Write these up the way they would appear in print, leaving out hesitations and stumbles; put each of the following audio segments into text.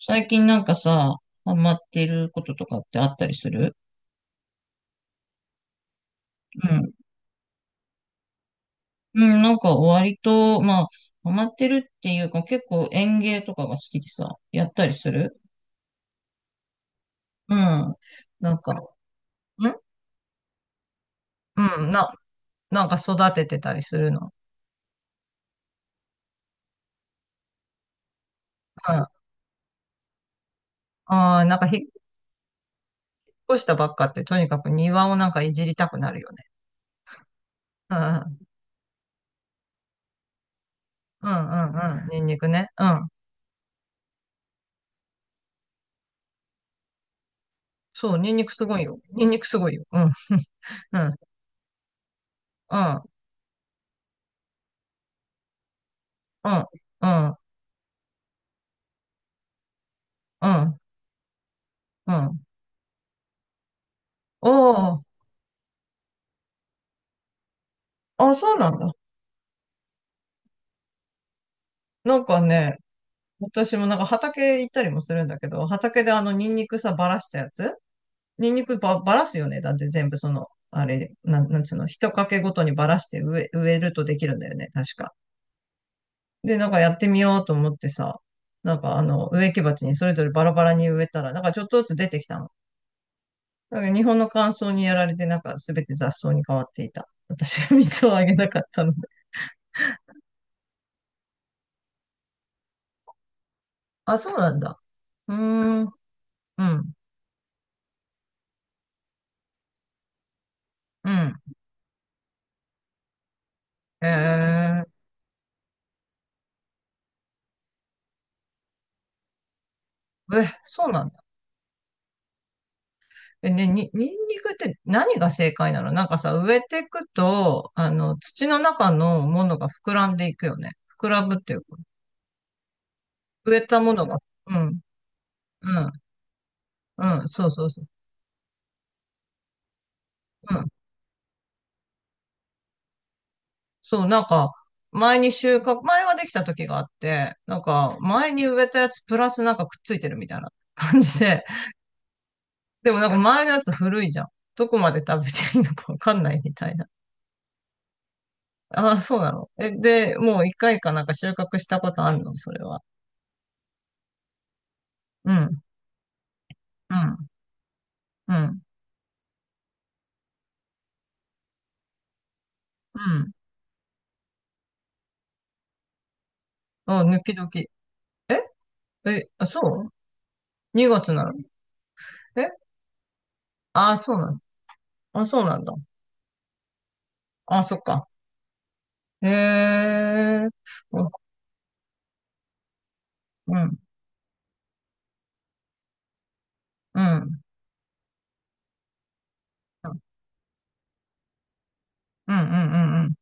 最近なんかさ、ハマってることとかってあったりする？うん。うん、なんか割と、まあ、ハマってるっていうか、結構園芸とかが好きでさ、やったりする。うん。なんか、うん、なんか育ててたりするの？うん。ああ、なんか引っ越したばっかってとにかく庭をなんかいじりたくなるよね。うん、うん、うん、うんうん、ニンニクね。うん。そう、ニンニクすごいよ。ニンニクすごいよ。うん、うん、うん、うん、うん、うん、うん。おー。あ、そうなんだ。なんかね、私もなんか畑行ったりもするんだけど、畑であのニンニクさ、ばらしたやつ、ニンニクば、ばらすよね。だって全部その、あれ、なんつうの、一かけごとにばらして植えるとできるんだよね、確か。で、なんかやってみようと思ってさ、なんかあの、植木鉢にそれぞれバラバラに植えたら、なんかちょっとずつ出てきたの。だから日本の乾燥にやられて、なんかすべて雑草に変わっていた。私が水をあげなかったので。あ、そうなんだ。うーん。うん、うん。へえ。え、そうなんだ。え、ニンニクって何が正解なの？なんかさ、植えていくと、あの、土の中のものが膨らんでいくよね。膨らむっていうか、植えたものが、うん、うん、うん、そうそうそう。うん。そう、なんか、前に収穫、前はできた時があって、なんか、前に植えたやつプラスなんかくっついてるみたいな 感じで。でもなんか前のやつ古いじゃん。どこまで食べていいのかわかんないみたいな。ああ、そうなの？え、で、もう一回かなんか収穫したことあるの、それは？うん、うん、うん、うん。あ、抜き時。え、あ、そう？ 2 月なの？え、あ、そうなの？あ、そうなんだ。あ、そっか。へえ。お、うん、うん、うん、うん、うん、うん。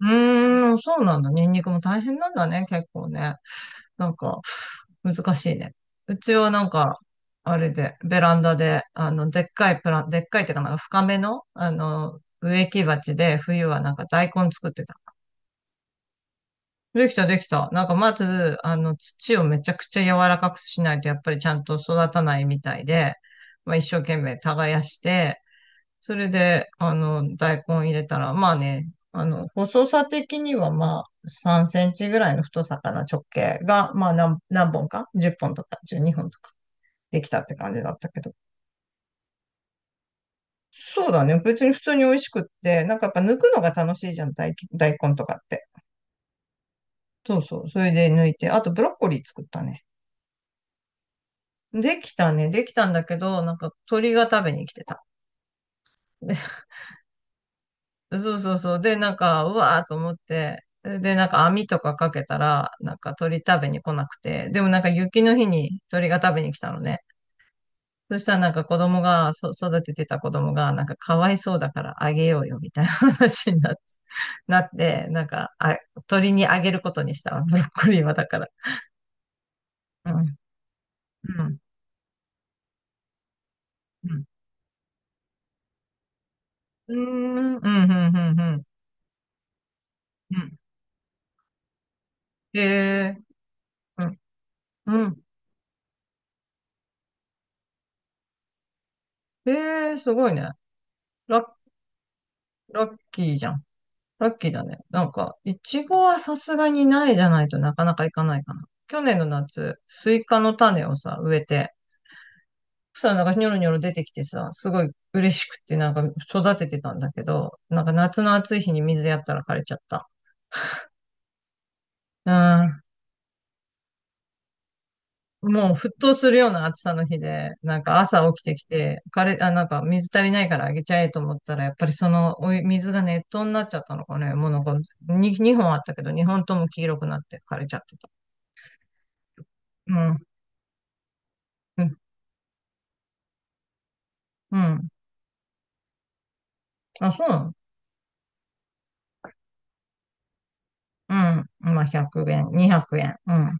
うーん、そうなんだ。ニンニクも大変なんだね、結構ね。なんか、難しいね。うちはなんか、あれで、ベランダで、あの、でっかいっていうかなんか深めの、あの、植木鉢で、冬はなんか大根作ってた。できた、できた。なんかまず、あの、土をめちゃくちゃ柔らかくしないと、やっぱりちゃんと育たないみたいで、まあ一生懸命耕して、それで、あの、大根入れたら、まあね、あの、細さ的にはまあ3センチぐらいの太さかな、直径が、まあ何本か、 10 本とか12本とかできたって感じだったけど。そうだね。別に普通に美味しくって、なんかやっぱ抜くのが楽しいじゃん、大根とかって。そうそう。それで抜いて、あとブロッコリー作ったね。できたね。できたんだけど、なんか鳥が食べに来てた。で、そうそうそう。で、なんか、うわーと思って、で、なんか網とかかけたら、なんか鳥食べに来なくて、でもなんか雪の日に鳥が食べに来たのね。そしたらなんか子供が、育ててた子供が、なんかかわいそうだからあげようよ、みたいな話になって、なんか、あ、鳥にあげることにしたわ。ブロッコリーはだから。うん。うん。うん。うーん。うん。うん。うん。うん。うん。へえ。うん。うん。ええ、すごいね。ラッ、ラッキーじゃん。ラッキーだね。なんか、いちごはさすがにないじゃないとなかなかいかないかな。去年の夏、スイカの種をさ、植えて、そしたらなんかニョロニョロ出てきてさ、すごい嬉しくってなんか育ててたんだけど、なんか夏の暑い日に水やったら枯れちゃった。もう沸騰するような暑さの日で、なんか朝起きてきて、あ、なんか水足りないからあげちゃえと思ったら、やっぱりそのお湯水が熱湯になっちゃったのかね。もうなんか、に2、本あったけど、2本とも黄色くなって枯れちゃってた。うん、うん、うん。あ、そうなの？うん。まあ、100円、200円。うん。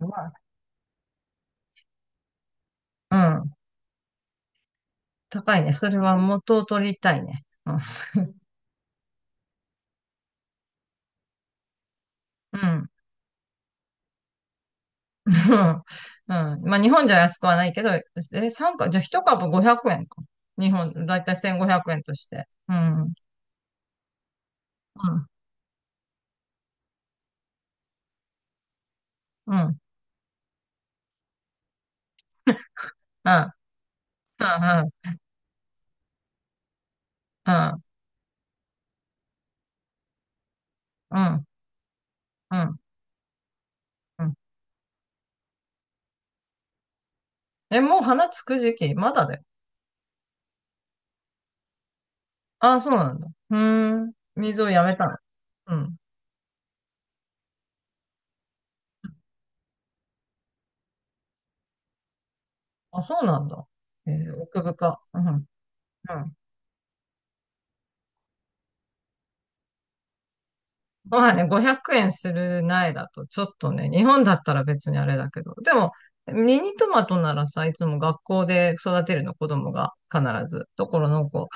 まあ、うん。高いね。それは元を取りたいね。うん。うん、うん。うん。まあ、日本じゃ安くはないけど、え、じゃあ一株500円か。日本、だいたい1500円として。うん。うん。うん。うん。うん。うん。うん。うん。うん。え、もう花つく時期まだだよ？ああ、そうなんだ。うーん。水をやめたの？うん。あ、そうなんだ。えー、奥深。うん。うん。まあね、500円する苗だと、ちょっとね、日本だったら別にあれだけど、でも、ミニトマトならさ、いつも学校で育てるの、子供が必ず。だからなんか、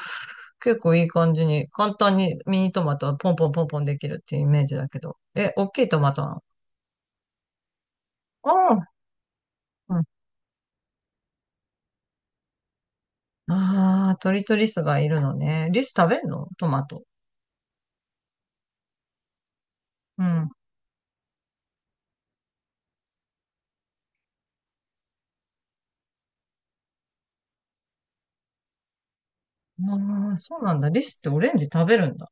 結構いい感じに、簡単にミニトマトはポンポンポンポンできるっていうイメージだけど。え、大きいトマトなの？ああ、うん。ああ、鳥とリスがいるのね。リス食べんのトマト？うん。ああ、そうなんだ。リスってオレンジ食べるんだ。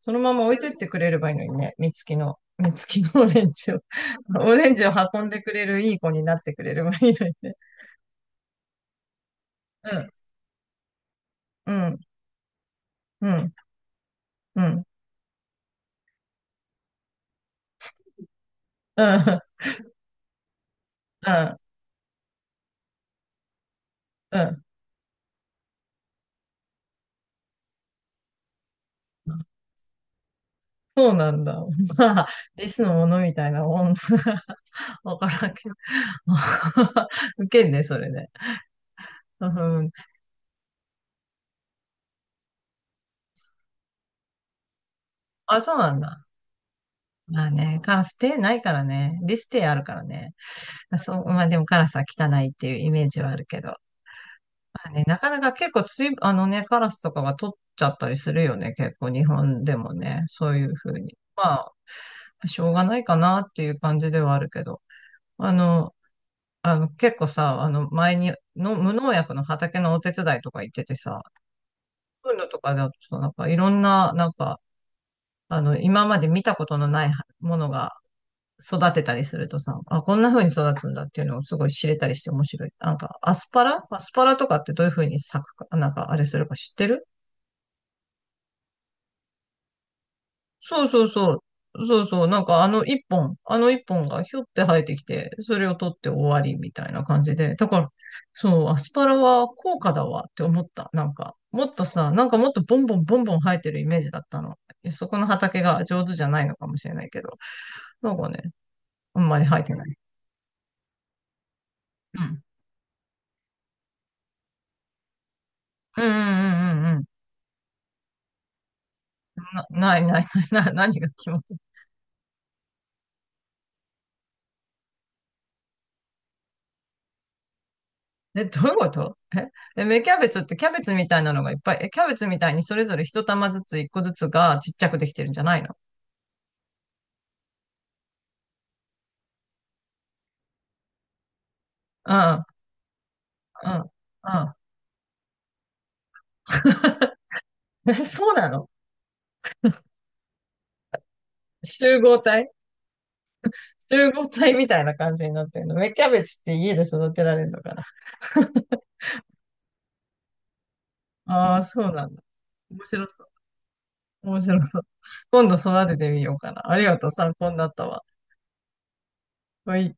そのまま置いといてくれればいいのにね、三きのオレンジを、オレンジを運んでくれるいい子になってくれればいいのにね。うん、うん、うん、うん、うん、うん、うん。そうなんだ。まあ、リスのものみたいなもん。わからんけど。受けんね、それね。うん。あ、そうなんだ。まあね、カラス手ないからね。リス手あるからね。そう、まあでもカラスは汚いっていうイメージはあるけど。まあね、なかなか結構つい、あのね、カラスとかが取っちゃったりするよね、結構日本でもね、そういうふうに。まあ、しょうがないかなっていう感じではあるけど、あの、結構さ、あの前にの無農薬の畑のお手伝いとか行っててさ、そういうのとかだとなんかいろんな、なんか、あの、今まで見たことのないものが育てたりするとさ、あ、こんな風に育つんだっていうのをすごい知れたりして面白い。なんか、アスパラとかってどういう風に咲くか、なんかあれするか知ってる？そうそうそう。そうそう。なんかあの一本、あの一本がひょって生えてきて、それを取って終わりみたいな感じで。だから、そう、アスパラは高価だわって思った。なんか、もっとさ、なんかもっとボンボンボンボン生えてるイメージだったの。そこの畑が上手じゃないのかもしれないけど、なんかね、あんまり生えてない。うん。うん、うん、うん、うん、うん。ないないない、何が気持ち？え、どういうこと？え、え、芽キャベツってキャベツみたいなのがいっぱい？え、キャベツみたいにそれぞれ一玉ずつ一個ずつがちっちゃくできてるんじゃないの？うん、うん、うん。え、そうなの？集合体集合体みたいな感じになってるの？芽キャベツって家で育てられるのかなあ？ あー、そうなんだ。面白そう。面白そう。今度育ててみようかな。ありがとう、参考になったわ。はい。